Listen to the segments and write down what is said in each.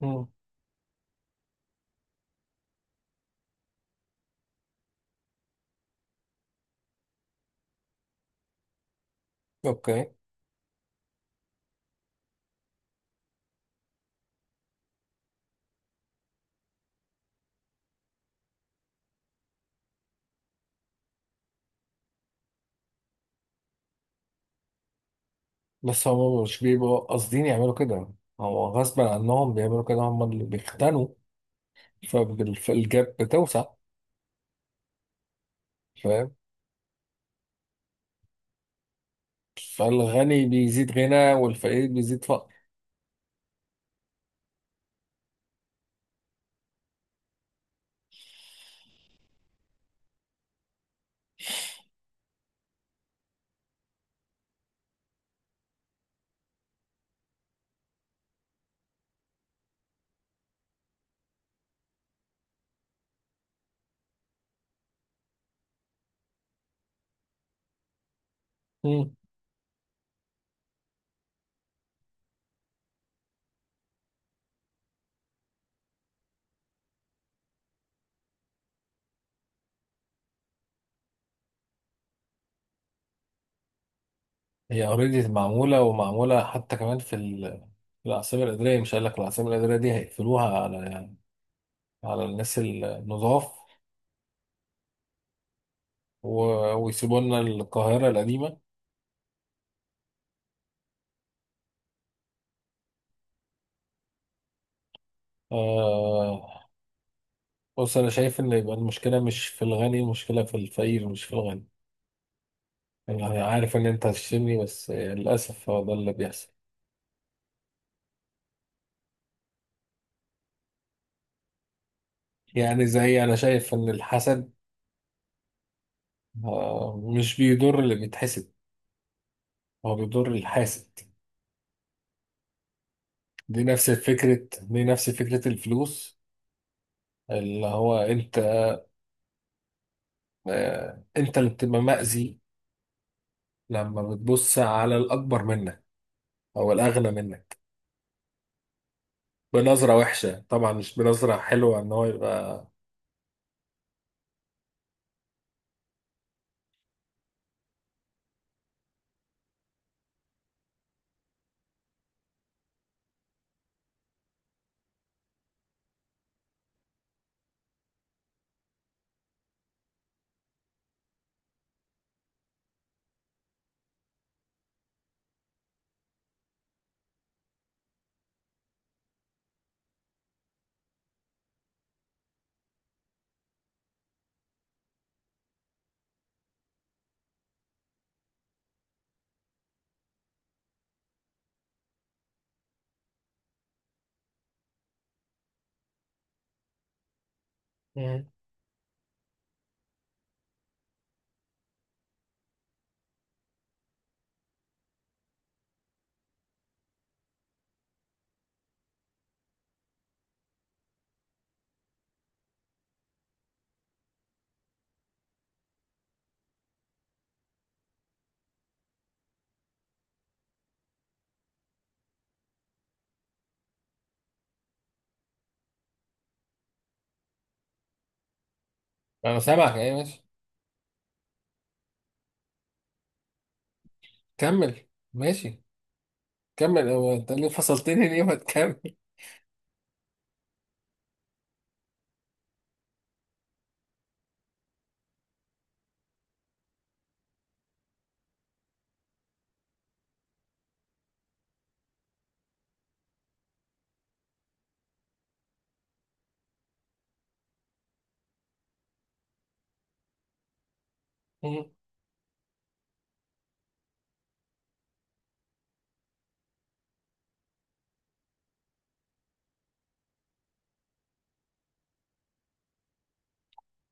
مم. اوكي، بس هم مش بيبقوا قاصدين يعملوا كده، هو غصب عنهم بيعملوا كده. هم اللي بيختنوا فالجاب بتوسع. فاهم. فالغني بيزيد غنى والفقير بيزيد فقر. مم. هي اوريدي معمولة ومعمولة، حتى كمان في في العاصمة الإدارية. مش قال لك العاصمة الإدارية دي هيقفلوها على على الناس النضاف و... ويسيبوا لنا القاهرة القديمة. آه... بص، أنا شايف إن يبقى المشكلة مش في الغني، المشكلة في الفقير مش في الغني. انا عارف ان انت هتشتمني بس للاسف هو ده اللي بيحصل. يعني زي، انا شايف ان الحسد مش بيضر اللي بيتحسد، هو بيضر الحاسد. دي نفس الفكرة، دي نفس فكرة الفلوس. اللي هو انت انت اللي بتبقى مأذي لما بتبص على الاكبر منك او الاغنى منك بنظرة وحشة، طبعا مش بنظرة حلوة، ان هو يبقى مم. انا سامعك، ايه ماشي. كمل. ماشي كمل. هو انت ليه فصلتني؟ ليه ما تكمل؟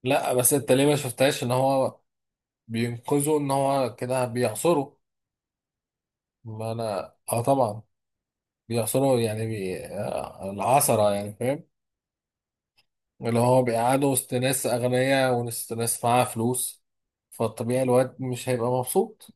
لا بس انت ليه ما شفتهاش ان هو بينقذه، ان هو كده بيعصره؟ ما انا اه طبعا بيعصره، يعني بي... آه، العصرة يعني، فاهم. اللي هو بيقعده وسط ناس اغنياء وناس ناس معاها فلوس، فالطبيعي الواد مش هيبقى مبسوط.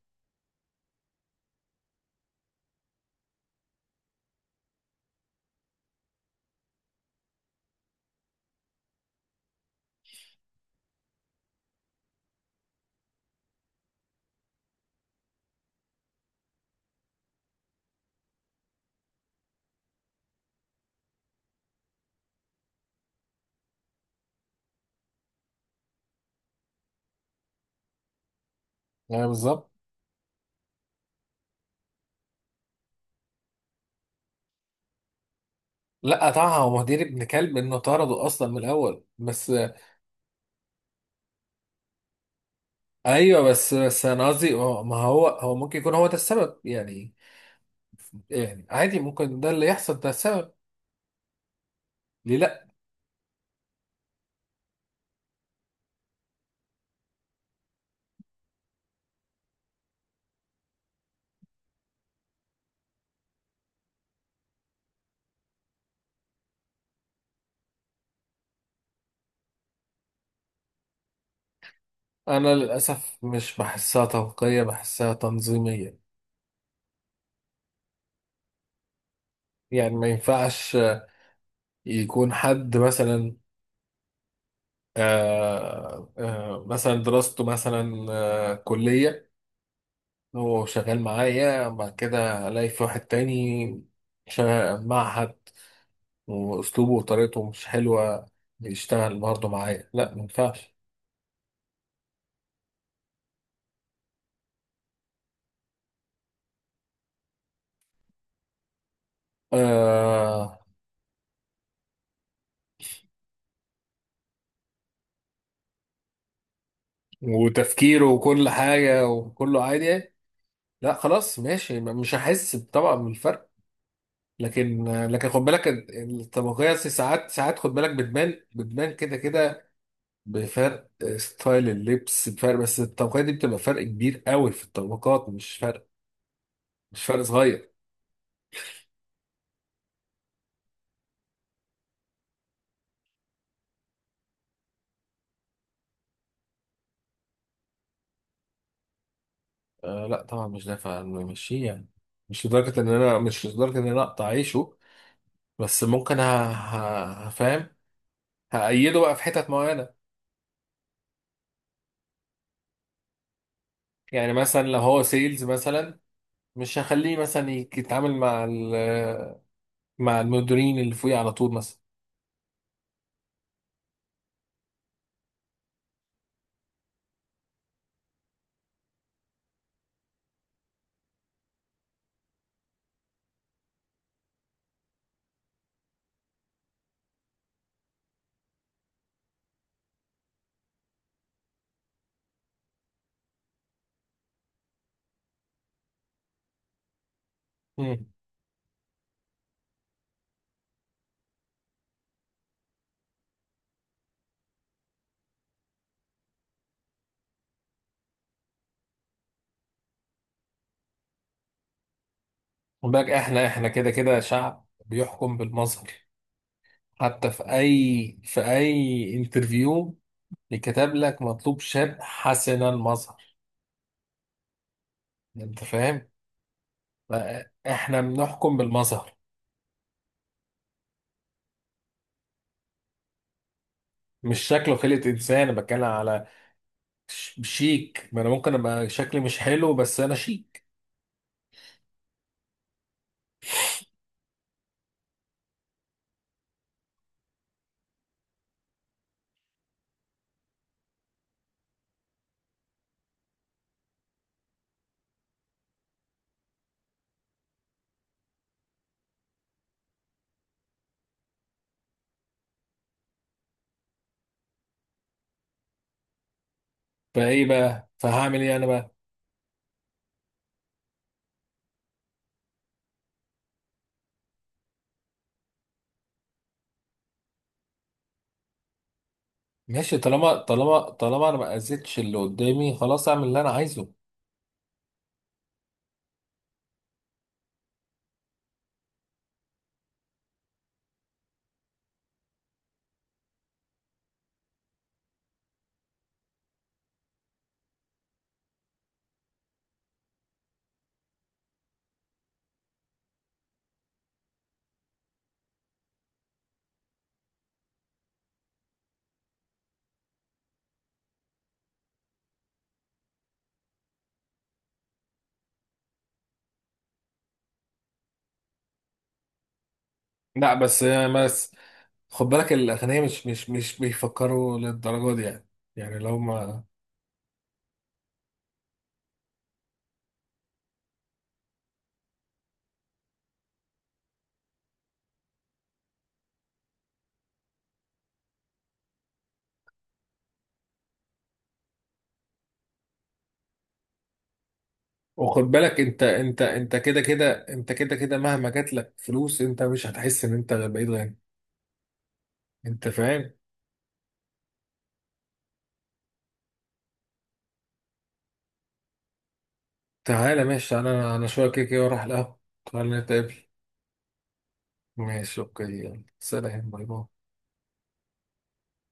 يعني بالظبط. لا طبعا هو مدير ابن كلب انه طرده اصلا من الاول، بس ايوه بس انا قصدي ما هو هو ممكن يكون هو ده السبب يعني. يعني عادي ممكن ده اللي يحصل، ده السبب. ليه لا. أنا للأسف مش بحسها توقية، بحسها تنظيمية. يعني ما ينفعش يكون حد مثلا مثلا دراسته مثلا كلية، هو شغال معايا، بعد كده ألاقي في واحد تاني شغال معهد وأسلوبه وطريقته مش حلوة، يشتغل برضه معايا؟ لا ما ينفعش. آه وتفكيره وكل حاجة وكله عادي يعني. لا خلاص ماشي، مش هحس طبعا بالفرق. لكن خد بالك الطبقية، ساعات خد بالك بتبان، كده كده بفرق ستايل اللبس، بفرق. بس الطبقية دي بتبقى فرق كبير قوي في الطبقات، مش فرق صغير. آه لا طبعا مش دافع إنه يمشيه يعني، مش لدرجة ان انا، مش لدرجة ان انا اقطع عيشه. بس ممكن هفهم، هأيده بقى في حتت معينة. يعني مثلا لو هو سيلز مثلا، مش هخليه مثلا يتعامل مع مع المديرين اللي فوقيه على طول مثلا. مم. خد بالك احنا، كده كده شعب بيحكم بالمظهر، حتى في اي انترفيو يكتب لك مطلوب شاب حسن المظهر. انت فاهم، بقى احنا بنحكم بالمظهر. مش شكله خلقة انسان، انا بتكلم على شيك. ما انا ممكن ابقى شكلي مش حلو بس انا شيك. فايه بقى، فهعمل ايه انا بقى؟ ماشي، طالما انا ما اذيتش اللي قدامي، خلاص اعمل اللي انا عايزه. لا بس خد بالك الاغنياء مش بيفكروا للدرجه دي يعني. يعني لو ما، وخد بالك انت، انت كده كده، انت كده كده مهما جات لك فلوس انت مش هتحس ان انت بقيت غني. انت فاهم. تعالى ماشي، انا انا شويه كده كده اروح القهوه، تعالى نتقابل. ماشي اوكي، يلا سلام باي باي.